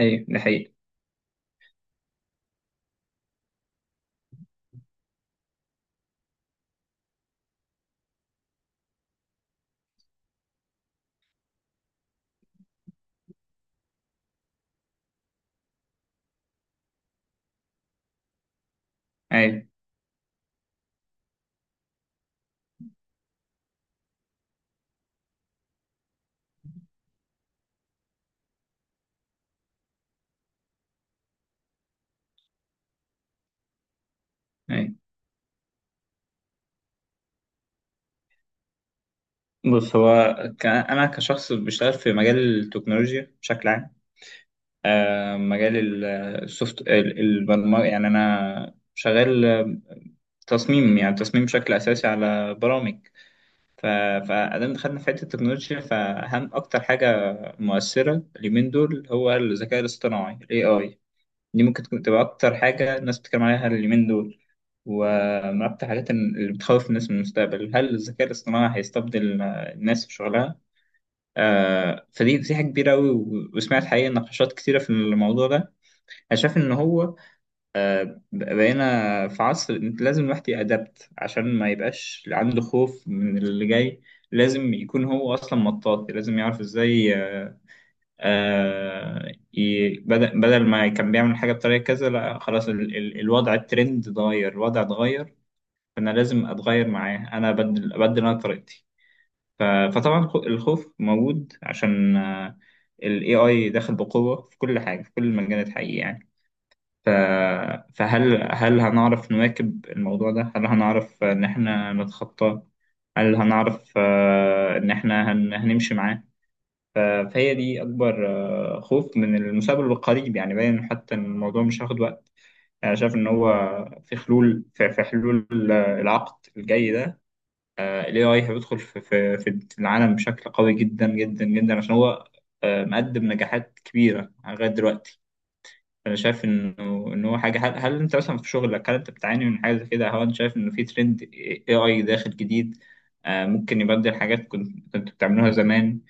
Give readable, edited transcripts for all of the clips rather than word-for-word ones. ايوه، ده حقيقي. ايوه. ايوه. بص هو، انا كشخص بشتغل في مجال التكنولوجيا بشكل عام. مجال السوفت، البرمجه، يعني انا شغال، تصميم، يعني تصميم بشكل اساسي على برامج. ف... فادام دخلنا في حته التكنولوجيا، فاهم اكتر حاجه مؤثره اليومين دول هو الذكاء الاصطناعي، الاي اي. دي ممكن تكون تبقى أكتر حاجة الناس بتتكلم عليها اليومين دول. ومن أكتر الحاجات اللي بتخوف الناس من المستقبل، هل الذكاء الاصطناعي هيستبدل الناس في شغلها؟ فدي حاجة كبيرة أوي، وسمعت حقيقة نقاشات كتيرة في الموضوع ده. أنا شايف إن هو بقينا في عصر أنت لازم الواحد يأدبت عشان ما يبقاش عنده خوف من اللي جاي. لازم يكون هو أصلا مطاطي، لازم يعرف إزاي، بدل ما كان بيعمل حاجة بطريقة كذا، لا خلاص ال الوضع، الترند اتغير، الوضع اتغير. فأنا لازم أتغير معاه، أنا أبدل أنا طريقتي. ف- فطبعا الخوف موجود، عشان ال AI داخل بقوة في كل حاجة في كل المجالات، حقيقي يعني. ف- فهل هنعرف نواكب الموضوع ده؟ هل هنعرف إن إحنا نتخطاه؟ هل هنعرف إن إحنا هنمشي معاه؟ ف- فهي دي أكبر خوف من المستقبل القريب، يعني باين حتى إن الموضوع مش هياخد وقت. أنا شايف إن هو في حلول، في حلول العقد الجاي ده. ال AI هيدخل في العالم بشكل قوي جدا جدا جدا، عشان هو مقدم نجاحات كبيرة لغاية دلوقتي. أنا شايف إن هو حاجة. هل أنت مثلا في شغلك، هل أنت بتعاني من حاجة زي كده؟ هل أنت شايف إنه في ترند AI داخل جديد ممكن يبدل حاجات كنت بتعملوها زمان،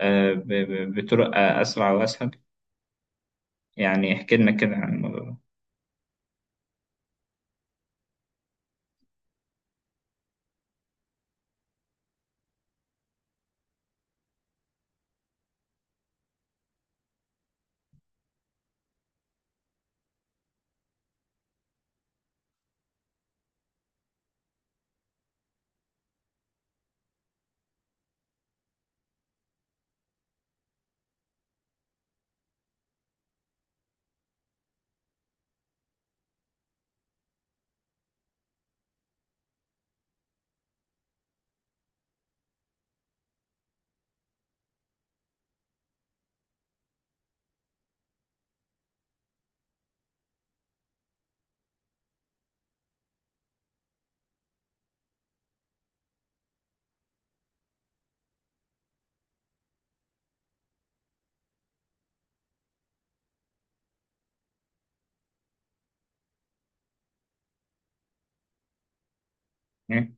بطرق أسرع وأسهل. يعني احكي لنا كده عن الموضوع ده. إيه؟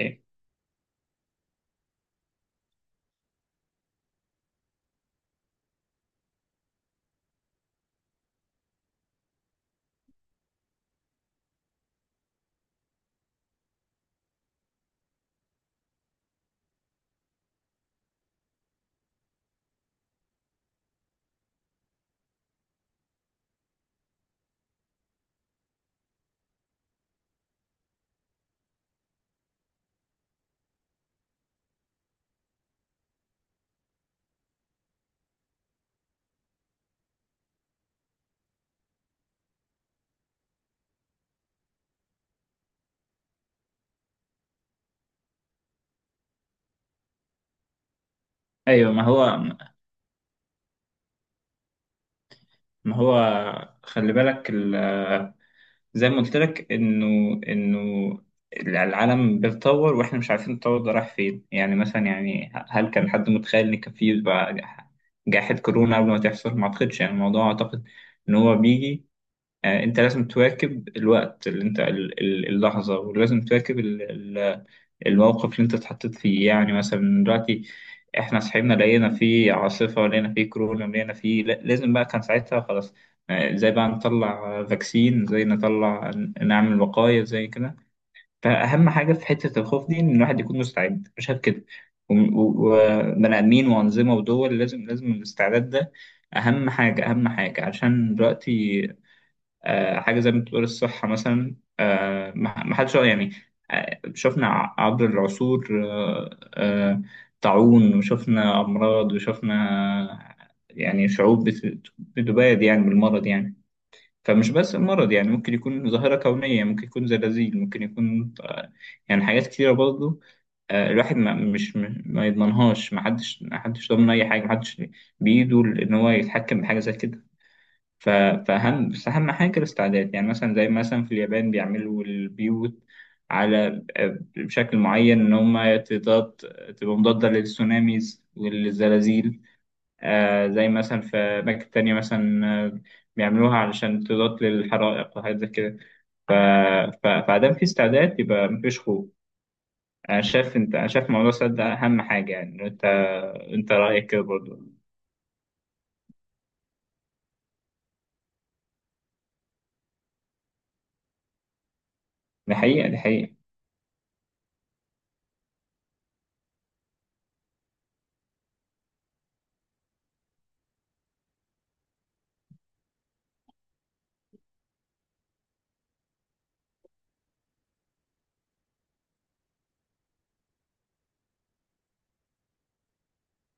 إيه؟ أيوه. ما هو، ما هو، خلي بالك زي ما قلت لك إنه العالم بيتطور، وإحنا مش عارفين التطور ده رايح فين. يعني مثلا، يعني هل كان حد متخيل إن كان في يبقى جائحة كورونا قبل ما تحصل؟ ما أعتقدش. يعني الموضوع أعتقد إن هو بيجي. أنت لازم تواكب الوقت اللي أنت اللحظة، ولازم تواكب الموقف اللي انت اتحطيت فيه. يعني مثلا دلوقتي احنا صحينا لقينا فيه عاصفة، لقينا فيه كورونا، لقينا فيه لازم بقى، كان ساعتها خلاص زي بقى نطلع فاكسين، زي نطلع نعمل وقاية زي كده. فأهم حاجة في حتة الخوف دي إن الواحد يكون مستعد، مش عارف كده، وبني آدمين وأنظمة ودول، لازم الاستعداد ده. أهم حاجة، أهم حاجة عشان دلوقتي حاجة زي ما بتقول الصحة مثلا، ما حدش يعني شفنا عبر العصور، طاعون، وشفنا أمراض، وشفنا يعني شعوب بتباد يعني بالمرض يعني. فمش بس المرض، يعني ممكن يكون ظاهرة كونية، ممكن يكون زلازل، ممكن يكون يعني حاجات كتيرة برضه. الواحد ما مش م- ما يضمنهاش، ما حدش ضامن أي حاجة، ما حدش بإيده إن هو يتحكم بحاجة زي كده. ف- فأهم أهم حاجة الاستعداد. يعني مثلا زي مثلا في اليابان بيعملوا البيوت على بشكل معين، إن هما تضاد، تبقى مضادة للسوناميز والزلازل. زي مثلا في أماكن تانية مثلا بيعملوها علشان تضاد للحرائق وحاجات زي كده. ف- فعدم في استعداد يبقى مفيش خوف. أنا شايف أنت، أنا شايف موضوع السد ده أهم حاجة يعني. أنت، أنت رأيك كده برضه. دي حقيقة. دي حقيقة.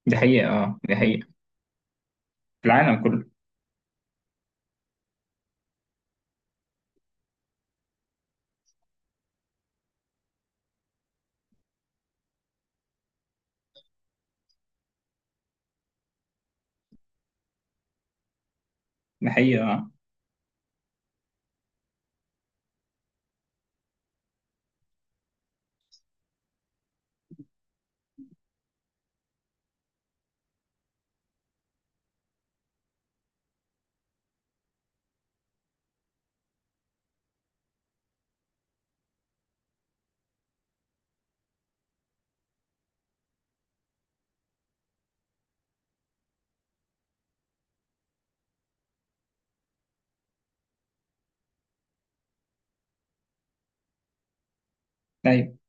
دي حقيقة أه. دي حقيقة. في العالم كله. دي حقيقة أه. أيوة.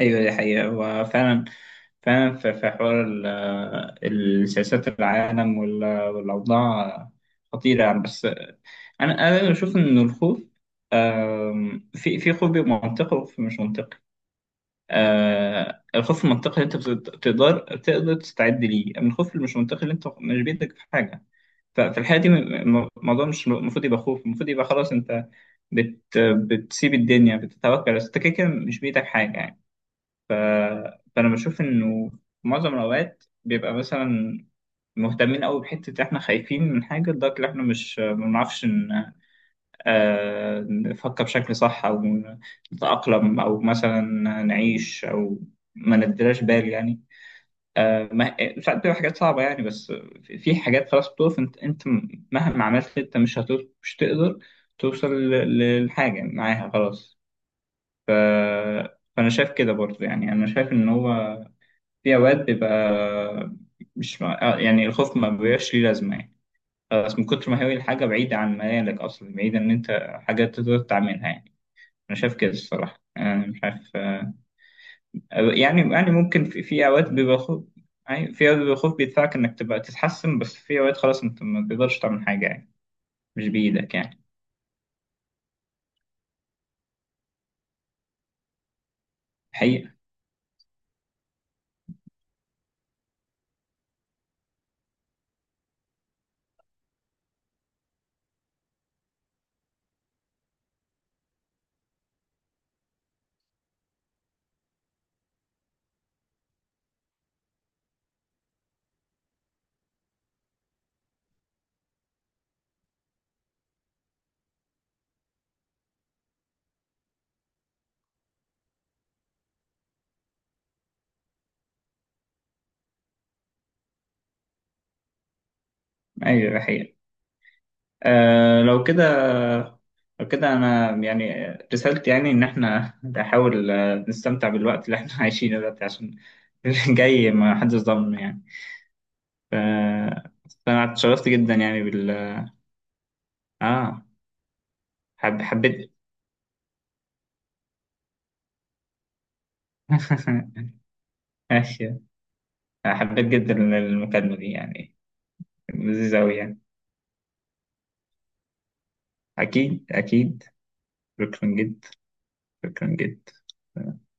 ايوه دي حقيقة. هو فعلا فعلا في حوار السياسات، العالم والأوضاع خطيرة يعني. بس أنا، أنا بشوف إن الخوف، في خوف بيبقى منطقي، وخوف مش منطقي. الخوف المنطقي اللي أنت تقدر، تقدر تستعد ليه. أما الخوف اللي مش منطقي، اللي أنت مش بيدك في حاجة، ففي الحقيقة دي الموضوع مش المفروض يبقى خوف، المفروض يبقى خلاص أنت بتسيب الدنيا، بتتوكل، بس أنت كده كده مش بإيدك حاجة يعني. ف... فأنا بشوف إنه في معظم الأوقات بيبقى مثلا مهتمين أوي بحتة، إحنا خايفين من حاجة لدرجة إن إحنا مش، ما بنعرفش إن نفكر بشكل صح، أو نتأقلم، أو مثلا نعيش، أو ما نديلاش بال يعني. ما ساعات بتبقى حاجات صعبة يعني، بس في حاجات خلاص بتقف، أنت، أنت مهما عملت أنت مش هتقدر، مش تقدر توصل للحاجة معاها خلاص. ف... فأنا شايف كده برضه. يعني أنا شايف إن هو في أوقات بيبقى مش مع... يعني الخوف ما بيبقاش ليه لازمة يعني. خلاص من كتر ما هي الحاجة بعيدة عن مجالك أصلا، بعيدة إن أنت حاجة تقدر تعملها يعني. أنا شايف كده الصراحة، أنا مش عارف يعني، يعني ممكن في، أوقات بيبقى خوف، يعني في أوقات بيبقى خوف بيدفعك إنك تبقى تتحسن، بس في أوقات خلاص أنت ما تقدرش تعمل حاجة يعني، مش بإيدك يعني. حقيقة. أيوة حقيقة. لو كده، لو كده، أنا يعني رسالتي، يعني إن إحنا نحاول نستمتع بالوقت اللي إحنا عايشينه دلوقتي عشان اللي جاي ما حدش ضامن يعني. ف... فأنا اتشرفت جدا يعني بال آه حبيت. ماشي. حبيت جدا المكالمة دي يعني، لذيذة أوي يعني. أكيد أكيد. شكرا جدا. شكرا جدا.